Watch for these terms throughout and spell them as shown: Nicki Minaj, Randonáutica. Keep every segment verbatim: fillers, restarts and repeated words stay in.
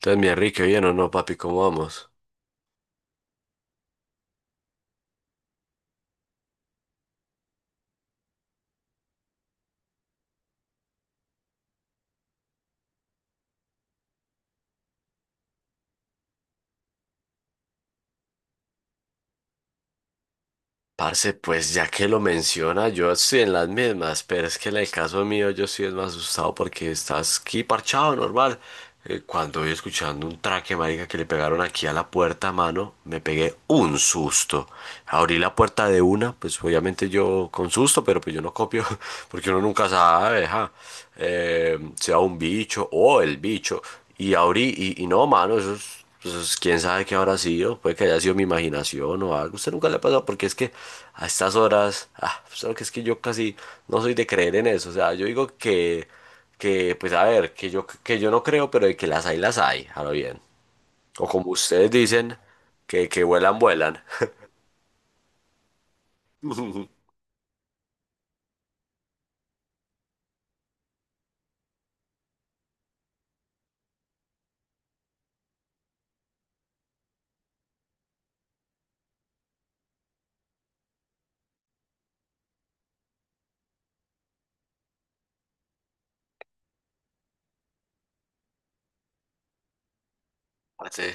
Entonces, mi Enrique, bien o no, papi, ¿cómo vamos? Parce, pues ya que lo menciona, yo estoy en las mismas, pero es que en el caso mío yo sí es más asustado porque estás aquí parchado, normal. Eh, cuando voy escuchando un traque, marica, que le pegaron aquí a la puerta, mano, me pegué un susto. Abrí la puerta de una, pues obviamente yo con susto, pero pues yo no copio, porque uno nunca sabe, ja. Eh, sea un bicho o el bicho. Y abrí, y, y no, mano, eso es. Pues quién sabe qué habrá sido, puede que haya sido mi imaginación o algo. Usted nunca le ha pasado porque es que a estas horas, ah, pues, sabe que es que yo casi no soy de creer en eso. O sea, yo digo que, que pues a ver, que yo, que yo no creo, pero de que las hay, las hay, ahora bien. O como ustedes dicen, que, que vuelan, vuelan. Sí.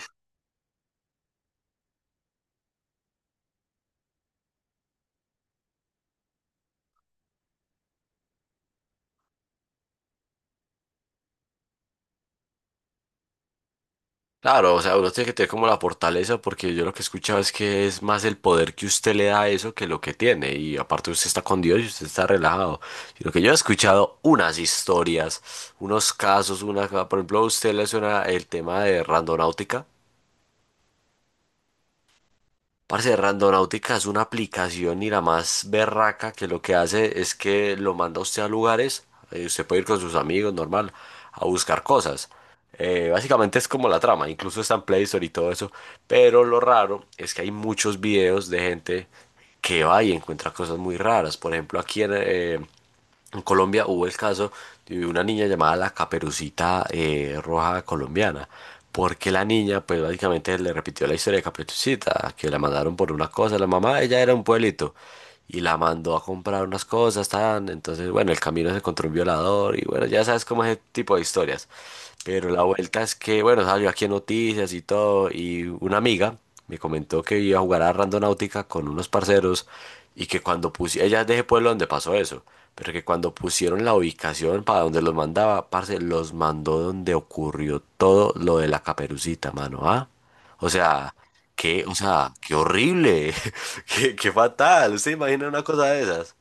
Claro, o sea, uno tiene que tener como la fortaleza porque yo lo que he escuchado es que es más el poder que usted le da a eso que lo que tiene y aparte usted está con Dios y usted está relajado. Y lo que yo he escuchado unas historias, unos casos, una, por ejemplo, a usted le suena el tema de Randonáutica. Parce, Randonáutica es una aplicación y la más berraca que lo que hace es que lo manda a usted a lugares, eh, usted puede ir con sus amigos, normal, a buscar cosas. Eh, básicamente es como la trama, incluso está en Play Store y todo eso. Pero lo raro es que hay muchos videos de gente que va y encuentra cosas muy raras. Por ejemplo, aquí en, eh, en Colombia hubo el caso de una niña llamada la Caperucita, eh, Roja Colombiana. Porque la niña, pues básicamente le repitió la historia de Caperucita, que la mandaron por una cosa. La mamá, ella era un pueblito y la mandó a comprar unas cosas, tan. Entonces, bueno, el camino se encontró un violador y bueno, ya sabes cómo es ese tipo de historias. Pero la vuelta es que, bueno, salió aquí en noticias y todo, y una amiga me comentó que iba a jugar a Randonáutica con unos parceros y que cuando pusieron, ella es de ese pueblo donde pasó eso, pero que cuando pusieron la ubicación para donde los mandaba, parce, los mandó donde ocurrió todo lo de la caperucita, mano, ¿ah? O sea, qué, o sea, qué horrible, qué, qué fatal. ¿Usted imagina una cosa de esas?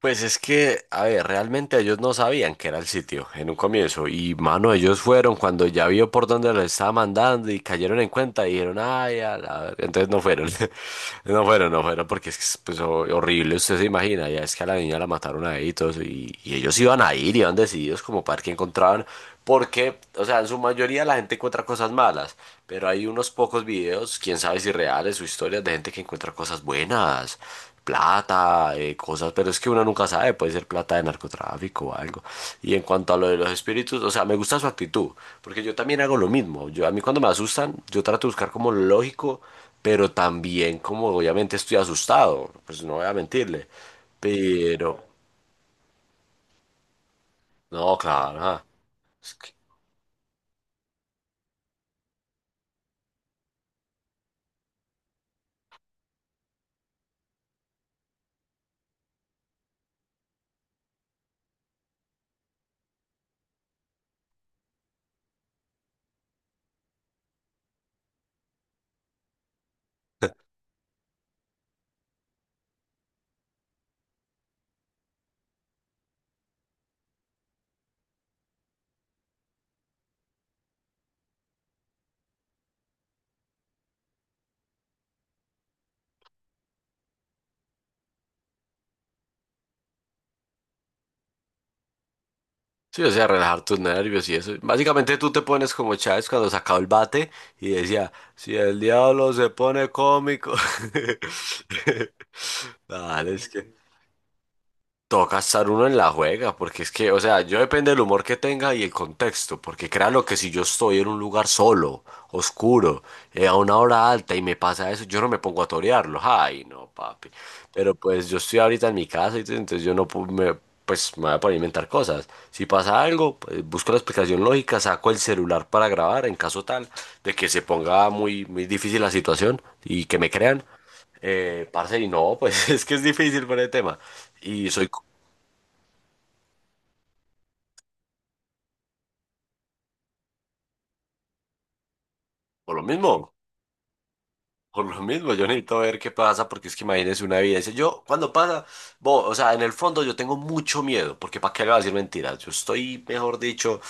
Pues es que, a ver, realmente ellos no sabían que era el sitio en un comienzo y, mano, ellos fueron cuando ya vio por dónde lo estaba mandando y cayeron en cuenta y dijeron, ay, a la ver. Entonces no fueron, no fueron, no fueron porque es que es, pues, ho- horrible, usted se imagina, ya es que a la niña la mataron ahí y todo eso y, y ellos iban a ir, iban decididos como para ver qué encontraban, porque, o sea, en su mayoría la gente encuentra cosas malas, pero hay unos pocos videos, quién sabe si reales o historias de gente que encuentra cosas buenas, plata, eh, cosas, pero es que uno nunca sabe, puede ser plata de narcotráfico o algo. Y en cuanto a lo de los espíritus, o sea, me gusta su actitud, porque yo también hago lo mismo. Yo, a mí cuando me asustan, yo trato de buscar como lo lógico, pero también como obviamente estoy asustado, pues no voy a mentirle. Pero, no, claro, ajá. Es que- Sí, o sea, relajar tus nervios y eso. Básicamente tú te pones como Chávez cuando sacaba el bate y decía, si el diablo se pone cómico. Dale, es que toca estar uno en la juega, porque es que, o sea, yo depende del humor que tenga y el contexto, porque créalo que si yo estoy en un lugar solo, oscuro, eh, a una hora alta y me pasa eso, yo no me pongo a torearlo, ay, no, papi. Pero pues yo estoy ahorita en mi casa, y t- entonces yo no pu- me, pues me voy a poner a inventar cosas. Si pasa algo, pues, busco la explicación lógica, saco el celular para grabar en caso tal de que se ponga muy, muy difícil la situación y que me crean. Eh, parce, y no, pues, es que es difícil por el tema. Y soy Por lo mismo, por lo mismo, yo necesito ver qué pasa, porque es que imagínese una evidencia. Yo, cuando pasa, bo- o sea, en el fondo yo tengo mucho miedo, porque ¿para qué le voy a decir mentiras? Yo estoy, mejor dicho,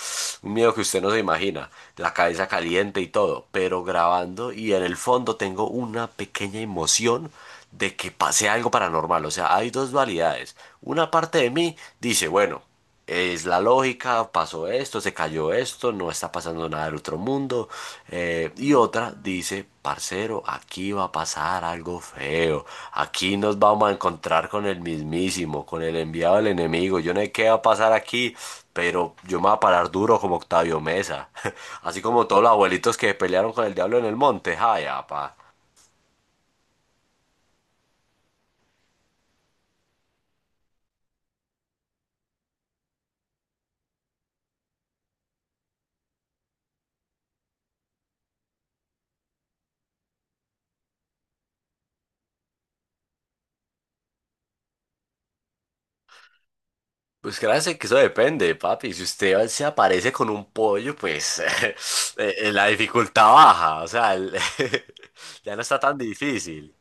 un miedo que usted no se imagina, la cabeza caliente y todo, pero grabando y en el fondo tengo una pequeña emoción de que pase algo paranormal. O sea, hay dos dualidades. Una parte de mí dice, bueno, es la lógica, pasó esto, se cayó esto, no está pasando nada del otro mundo. eh, y otra dice, parcero, aquí va a pasar algo feo. Aquí nos vamos a encontrar con el mismísimo, con el enviado del enemigo. Yo no sé qué va a pasar aquí, pero yo me voy a parar duro como Octavio Mesa. Así como todos los abuelitos que pelearon con el diablo en el monte. Ay, apa. Pues créanse que eso depende, papi. Si usted se aparece con un pollo, pues eh, la dificultad baja. O sea, el- ya no está tan difícil.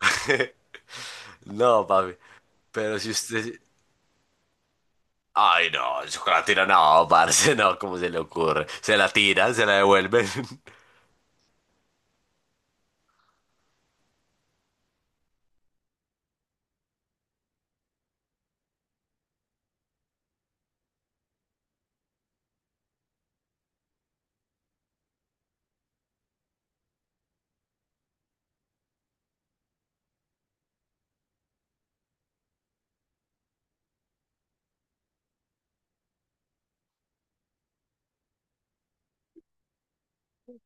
No, papi. Pero si usted... Ay, no, el chocolate tira, no, parce, no, ¿cómo se le ocurre? Se la tiran, se la devuelven.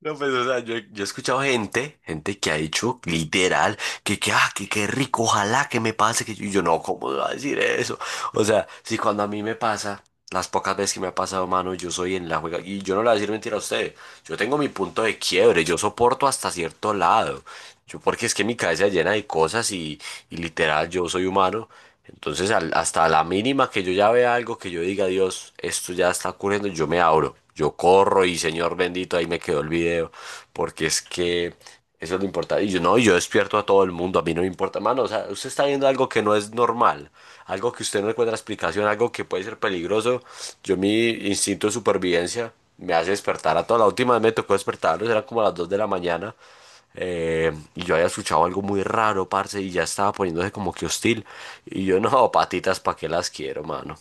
No, pues, o sea, yo, yo he escuchado gente, gente que ha dicho literal que, que, ah, que, qué rico, ojalá que me pase, que yo, y yo, no, ¿cómo me va a decir eso? O sea, si cuando a mí me pasa, las pocas veces que me ha pasado, mano, yo soy en la juega, y yo no le voy a decir mentira a usted, yo tengo mi punto de quiebre, yo soporto hasta cierto lado. Yo, porque es que mi cabeza llena de cosas y, y literal, yo soy humano. Entonces, al- hasta la mínima que yo ya vea algo que yo diga, Dios, esto ya está ocurriendo, yo me abro, yo corro y Señor bendito, ahí me quedó el video, porque es que eso es lo importante. Y yo no, yo despierto a todo el mundo, a mí no me importa, mano, o sea, usted está viendo algo que no es normal, algo que usted no encuentra explicación, algo que puede ser peligroso. Yo mi instinto de supervivencia me hace despertar a toda la última vez me tocó despertarlos, eran como a las dos de la mañana. Eh, y yo había escuchado algo muy raro, parce, y ya estaba poniéndose como que hostil. Y yo, no, patitas, ¿para qué las quiero, mano?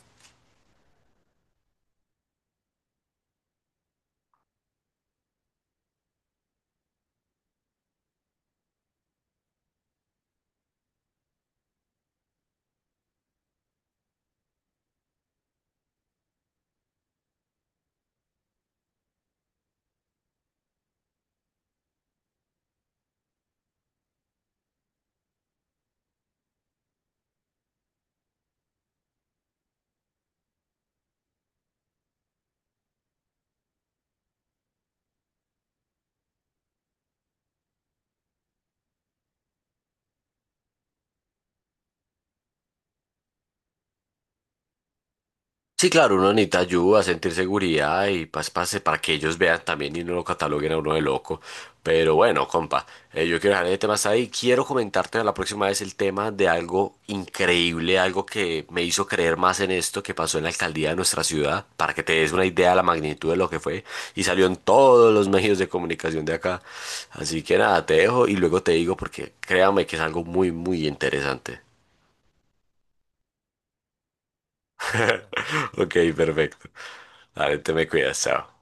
Sí, claro, uno necesita ayuda, sentir seguridad y pase, pase para que ellos vean también y no lo cataloguen a uno de loco. Pero bueno, compa, eh, yo quiero dejar ese tema hasta ahí. Quiero comentarte la próxima vez el tema de algo increíble, algo que me hizo creer más en esto que pasó en la alcaldía de nuestra ciudad, para que te des una idea de la magnitud de lo que fue y salió en todos los medios de comunicación de acá. Así que nada, te dejo y luego te digo porque créame que es algo muy, muy interesante. Ok, perfecto. Dale, te me cuidas, chao.